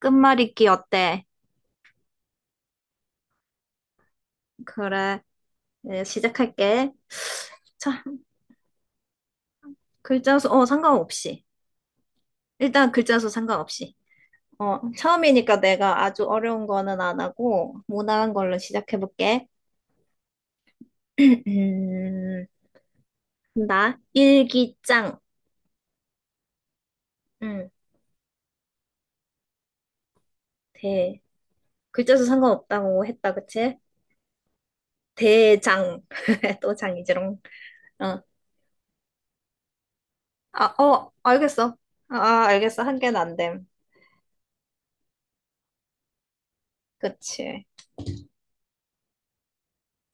끝말잇기 어때? 그래, 네, 시작할게. 자, 글자 수, 상관없이. 일단 글자 수 상관없이. 처음이니까 내가 아주 어려운 거는 안 하고, 무난한 걸로 시작해볼게. 음, 나, 일기장. 응. 대. 글자 수 상관없다고 했다, 그치? 대장. 또 장이지롱. 어, 아, 어, 알겠어. 아, 알겠어. 한 개는 안 됨. 그치.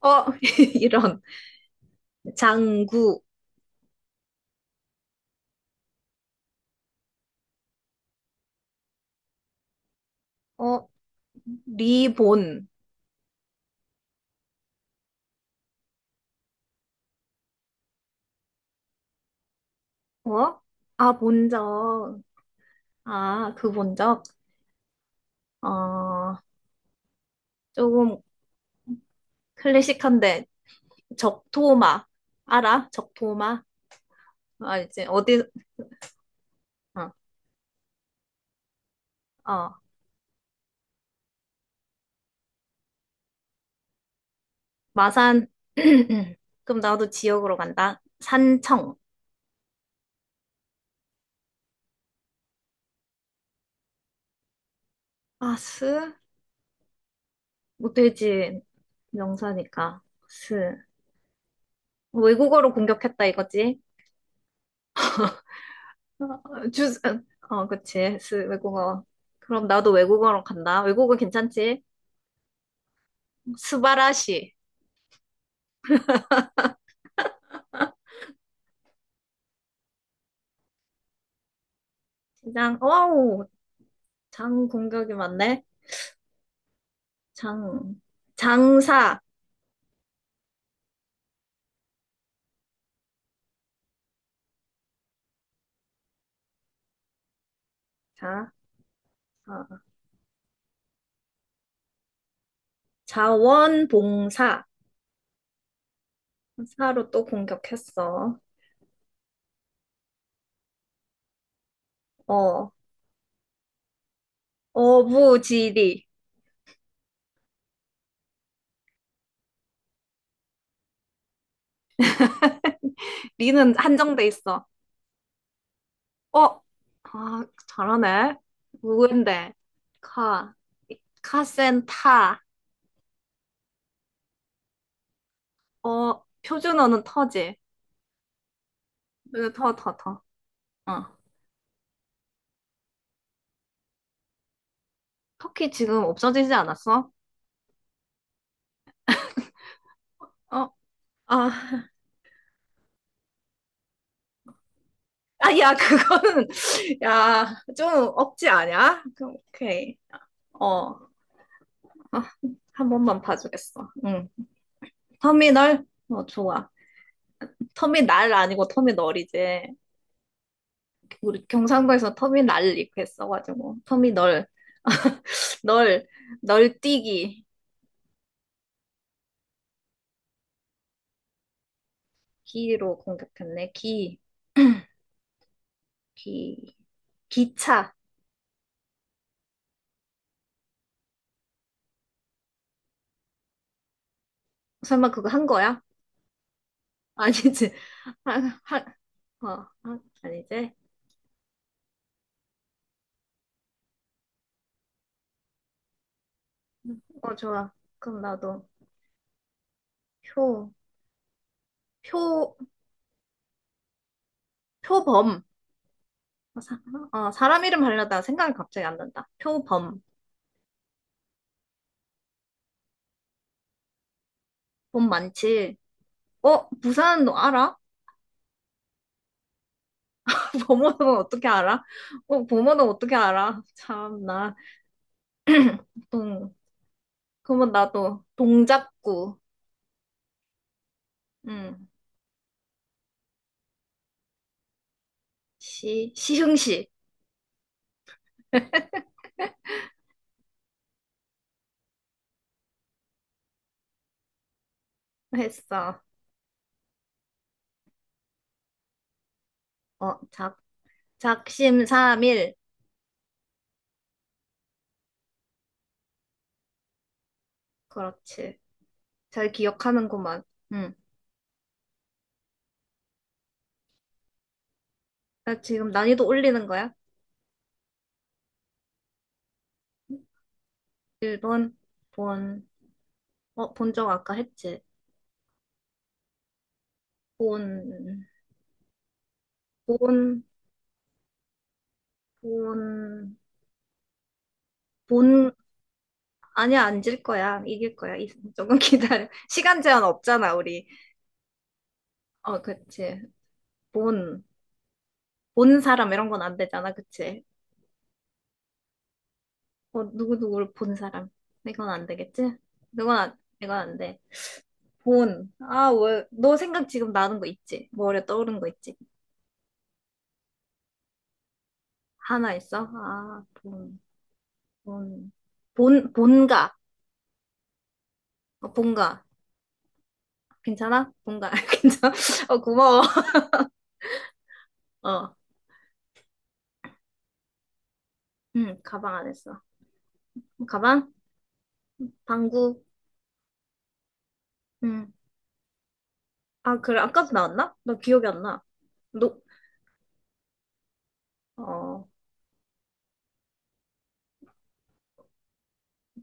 어, 이런. 장구. 어, 리본. 어? 아, 본적. 아, 그 본적? 어, 조금 클래식한데, 적토마. 알아? 적토마? 알지? 어디, 어, 어, 마산. 그럼 나도 지역으로 간다. 산청. 아, 스? 못되지. 명사니까. 스. 외국어로 공격했다 이거지? 어, 주, 어, 그치. 스, 외국어. 그럼 나도 외국어로 간다. 외국어 괜찮지? 스바라시. 장, 와우. 장 공격이 많네. 장, 장사. 자, 아, 자원봉사. 사로 또 공격했어. 어, 어부지리. 리는 한정돼 있어. 어, 아, 잘하네. 누군데? 카, 카센타. 어, 표준어는 터지. 으, 터. 어. 터키 지금 없어지지 않았어? 어, 아. 아야 그거는 야 좀 억지 아냐? 그럼 오케이. 어, 아, 한 번만 봐주겠어. 응. 터미널. 어, 좋아. 터미날 아니고 터미널이지. 우리 경상도에서 터미날 이렇게 써가지고 터미널. 널. 널뛰기. 기로 공격했네. 기. 기. 기차. 설마 그거 한 거야? 아니지. 한한어. 아니지. 어, 좋아. 그럼 나도 표표 표범. 어, 사, 어, 사람 이름 하려다 생각이 갑자기 안 난다. 표범. 범 많지. 어, 부산 너 알아? 범어는 어떻게 알아? 어, 범어는 어떻게 알아? 참 나. 동, 그러면 나도 동작구. 응. 시흥시. 했어. 어, 작, 작심삼일. 그렇지. 잘 기억하는구만. 응. 나 지금 난이도 올리는 거야? 일 번. 본. 어, 본 적 아까 했지. 본, 본. 본, 본, 아니야, 안 질 거야. 이길 거야. 조금 기다려. 시간 제한 없잖아, 우리. 어, 그치. 본, 본 사람 이런 건 안 되잖아, 그치? 어, 누구누구를 본 사람. 이건 안 되겠지? 이건 안 돼. 본. 아, 왜, 너 생각 지금 나는 거 있지? 머리에 떠오른 거 있지? 하나 있어? 아, 본, 본가. 어, 본가. 괜찮아? 본가. 괜찮아? 어, 고마워. 어, 응, 가방 안 했어. 가방? 방구. 응. 아, 그래. 아까도 나왔나? 나 기억이 안 나. 노, 어,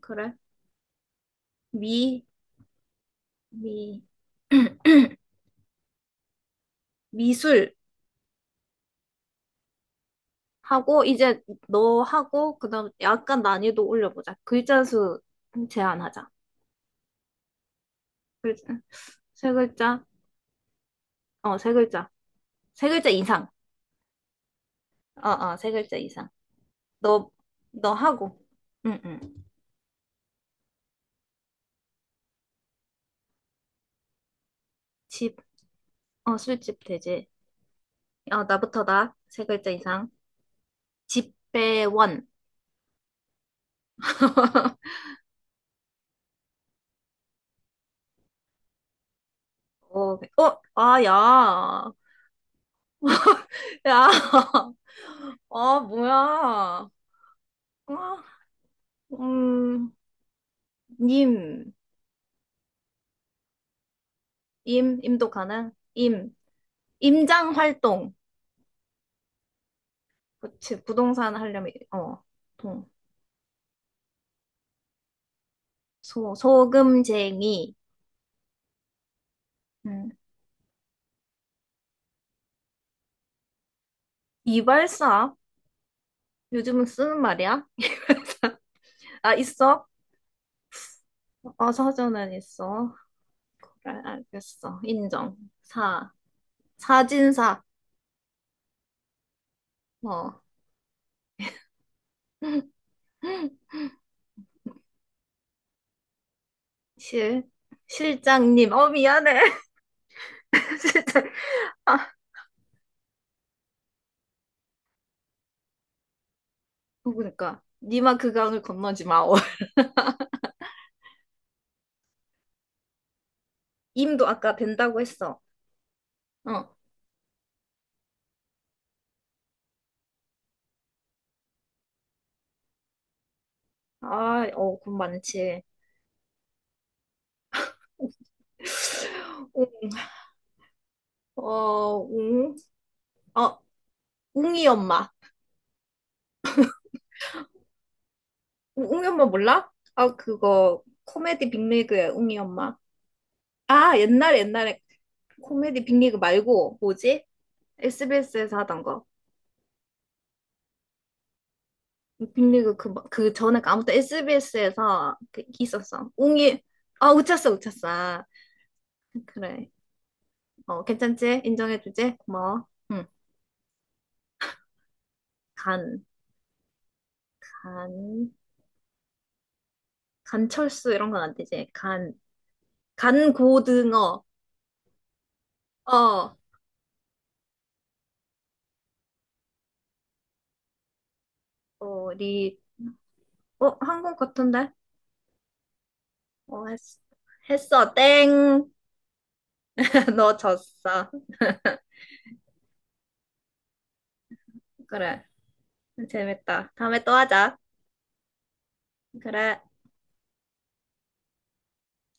그래. 미, 미, 미술 하고, 이제 너 하고, 그 다음 약간 난이도 올려보자. 글자 수 제한하자. 글자, 세 글자, 어, 세 글자. 세 글자 이상. 세 글자 이상. 너, 너 하고. 응, 응. 집, 어, 술집 되지. 어, 나부터 나. 세 글자 이상. 집배원. 어, 네. 어, 아, 야. 야. 아, 뭐야. 아, 음, 님. 임, 임도 가능? 임. 임장 활동. 그치, 부동산 하려면, 어, 동. 소, 소금쟁이. 음. 이발사? 요즘은 쓰는 말이야? 아, 있어? 어, 사전은 있어. 그래, 알겠어. 인정. 사. 사진사. 어. 실, 실장님. 어, 미안해. 실장. 아, 어, 그러니까. 니마 그 강을 건너지 마오. 임도 아까 된다고 했어. 어. 아, 어, 돈 많지. 웅? 어, 웅이 엄마. 웅이 엄마 몰라? 아, 그거, 코미디 빅리그야, 웅이 엄마. 아, 옛날에, 옛날에. 코미디 빅리그 말고, 뭐지? SBS에서 하던 거. 빅리그 그, 그 전에 그 아무튼 SBS에서 그 있었어. 웅이, 아, 웃쳤어. 그래. 어, 괜찮지? 인정해주지? 고마워. 응. 간, 간, 간철수 이런 건 안 되지. 간, 간고등어. 어, 어 리. 어, 한국 같은데? 어, 했어. 했어, 땡. 너 졌어. 그래. 재밌다. 다음에 또 하자. 그래.